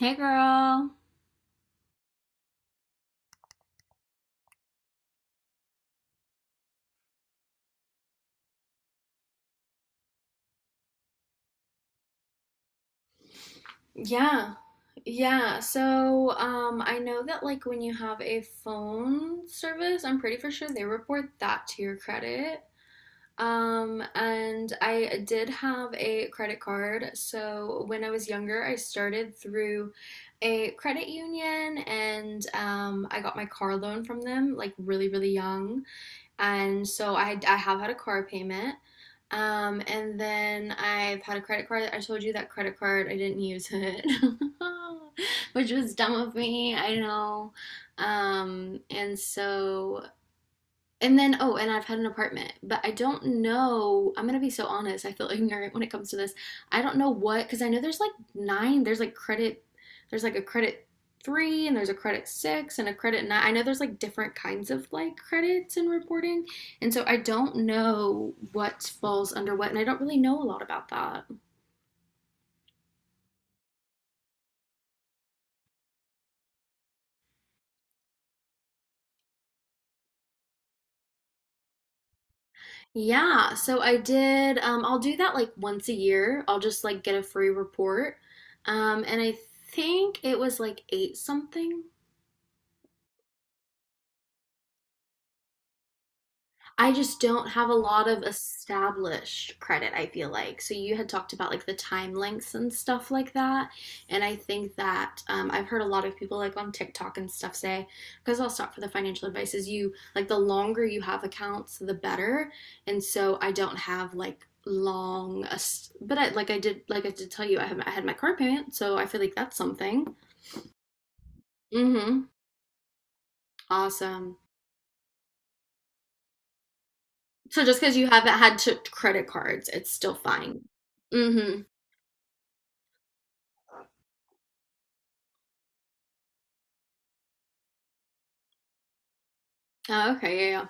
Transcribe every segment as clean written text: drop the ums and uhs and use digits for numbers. Hey, girl. Yeah, yeah. I know that like when you have a phone service, I'm pretty for sure they report that to your credit. And I did have a credit card. So when I was younger, I started through a credit union and I got my car loan from them like really, really young. And so I have had a car payment. And then I've had a credit card. I told you that credit card, I didn't use it, which was dumb of me, I know. Um, and so and then, oh, and I've had an apartment, but I don't know. I'm gonna be so honest. I feel ignorant when it comes to this. I don't know what, because I know there's like nine. There's like credit. There's like a credit three, and there's a credit six, and a credit nine. I know there's like different kinds of like credits and reporting, and so I don't know what falls under what, and I don't really know a lot about that. Yeah, so I did. I'll do that like once a year. I'll just like get a free report, and I think it was like eight something. I just don't have a lot of established credit, I feel like. So you had talked about like the time lengths and stuff like that. And I think that I've heard a lot of people like on TikTok and stuff say, because I'll stop for the financial advice, is you like the longer you have accounts, the better. And so I don't have like long, but I, like I did tell you, I had my car payment. So I feel like that's something. Mm-hmm. Awesome. So just because you haven't had to credit cards, it's still fine. Mm-hmm. Oh, okay, yeah, yeah.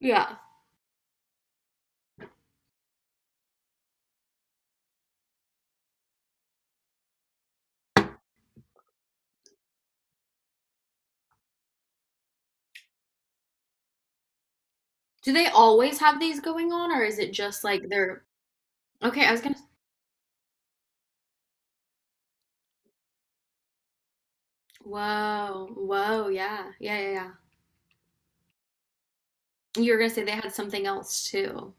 Yeah. Do they always have these going on, or is it just like they're? Okay? I was gonna. Whoa, whoa, yeah, yeah, yeah, yeah. You were gonna say they had something else too.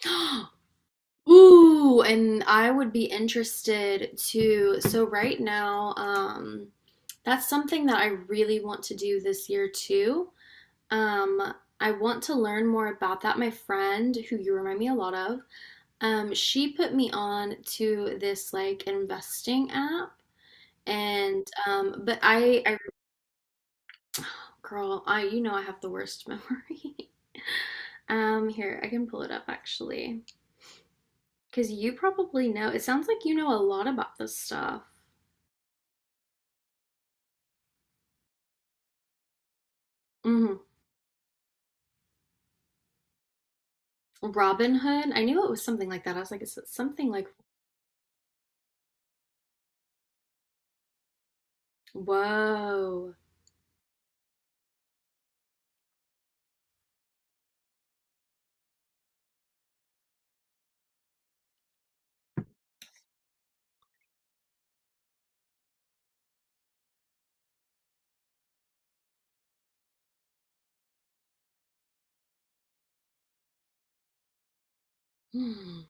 Ooh, and I would be interested to. So right now, that's something that I really want to do this year too. Um, I want to learn more about that. My friend, who you remind me a lot of, she put me on to this like investing app. And but I, Girl, you know, I have the worst memory. Here, I can pull it up actually, because you probably know. It sounds like you know a lot about this stuff. Hmm. Robin Hood. I knew it was something like that. I was like, is it something like, whoa. Mm,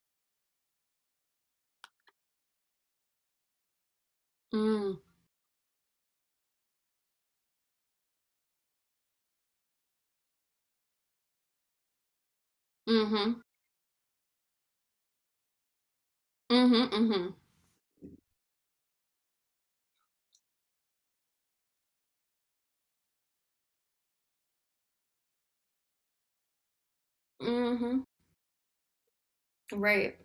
mm, mm-hmm, mm-hmm, mm-hmm, mm-hmm. Right.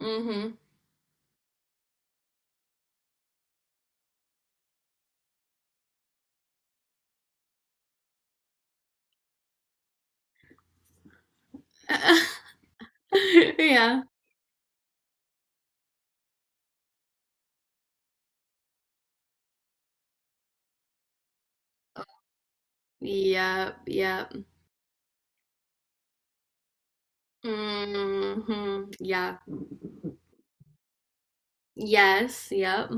Mm-hmm. Yeah. Yep, yep. Mm-hmm. Yeah. Yes, yep.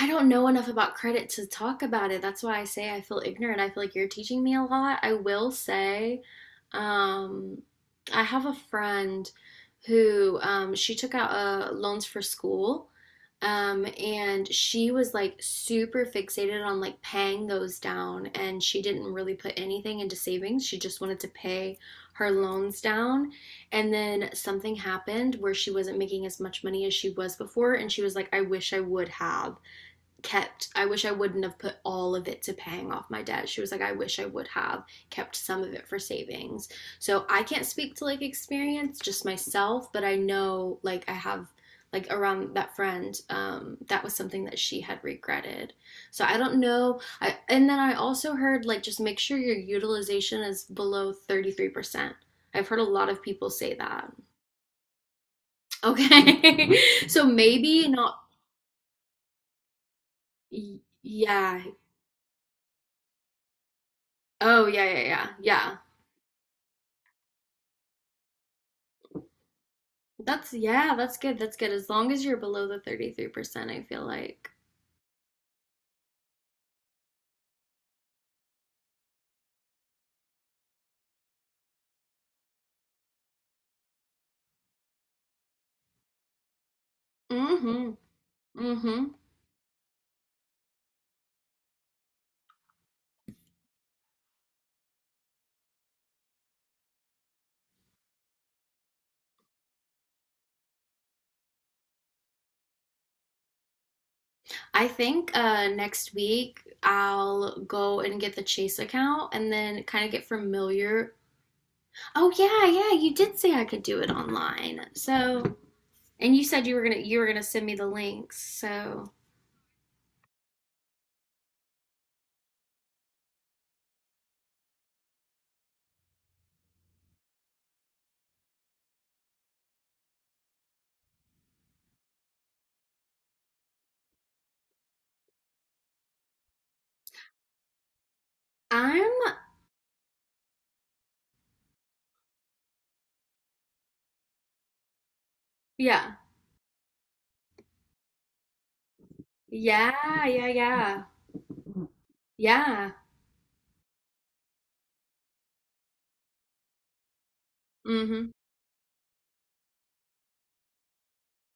I don't know enough about credit to talk about it. That's why I say I feel ignorant. I feel like you're teaching me a lot. I will say, um, I have a friend who she took out loans for school, and she was like super fixated on like paying those down, and she didn't really put anything into savings. She just wanted to pay her loans down. And then something happened where she wasn't making as much money as she was before, and she was like, I wish I would have kept. I wish I wouldn't have put all of it to paying off my debt. She was like, I wish I would have kept some of it for savings, so I can't speak to like experience just myself, but I know, like I have, like around that friend, that was something that she had regretted. So I don't know. I and then I also heard like just make sure your utilization is below 33%. I've heard a lot of people say that. Okay. So maybe not. Yeah. Oh yeah, yeah, yeah, yeah. That's yeah, that's good. That's good. As long as you're below the 33%, I feel like. Hmm. Hmm. I think next week I'll go and get the Chase account and then kind of get familiar. Oh yeah, yeah, you did say I could do it online. So, and you said you were gonna send me the links. So, I'm yeah. Yeah, yeah, yeah. Yeah. Hmm.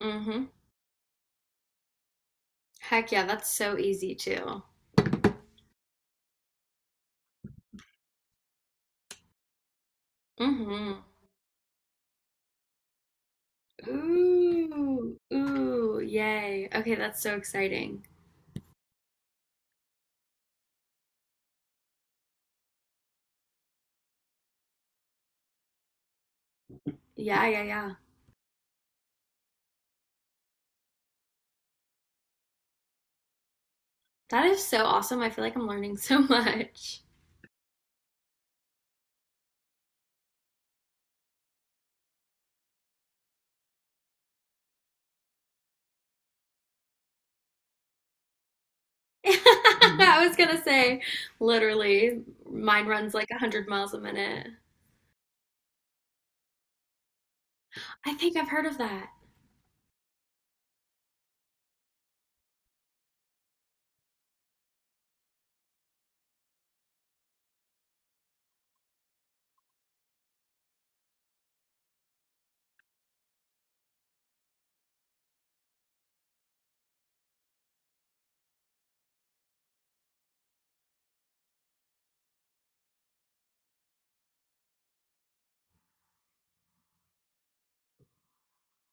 Hmm. Heck yeah, that's so easy too. Hmm. Ooh, ooh, yay. Okay, that's so exciting. Yeah, yeah, yeah. That is so awesome. I feel like I'm learning so much. I was gonna say, literally, mine runs like 100 miles a minute. I think I've heard of that.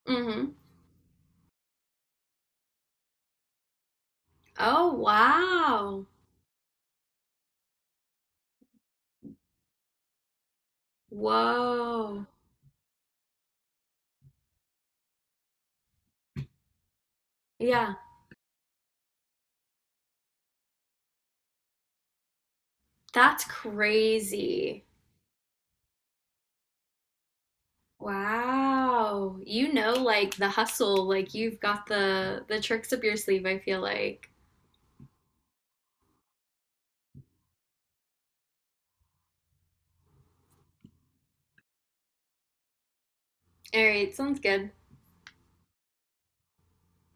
Hmm. Oh, wow. Whoa. Yeah, that's crazy. Wow. You know, like the hustle, like you've got the tricks up your sleeve, I feel like. All right, sounds good.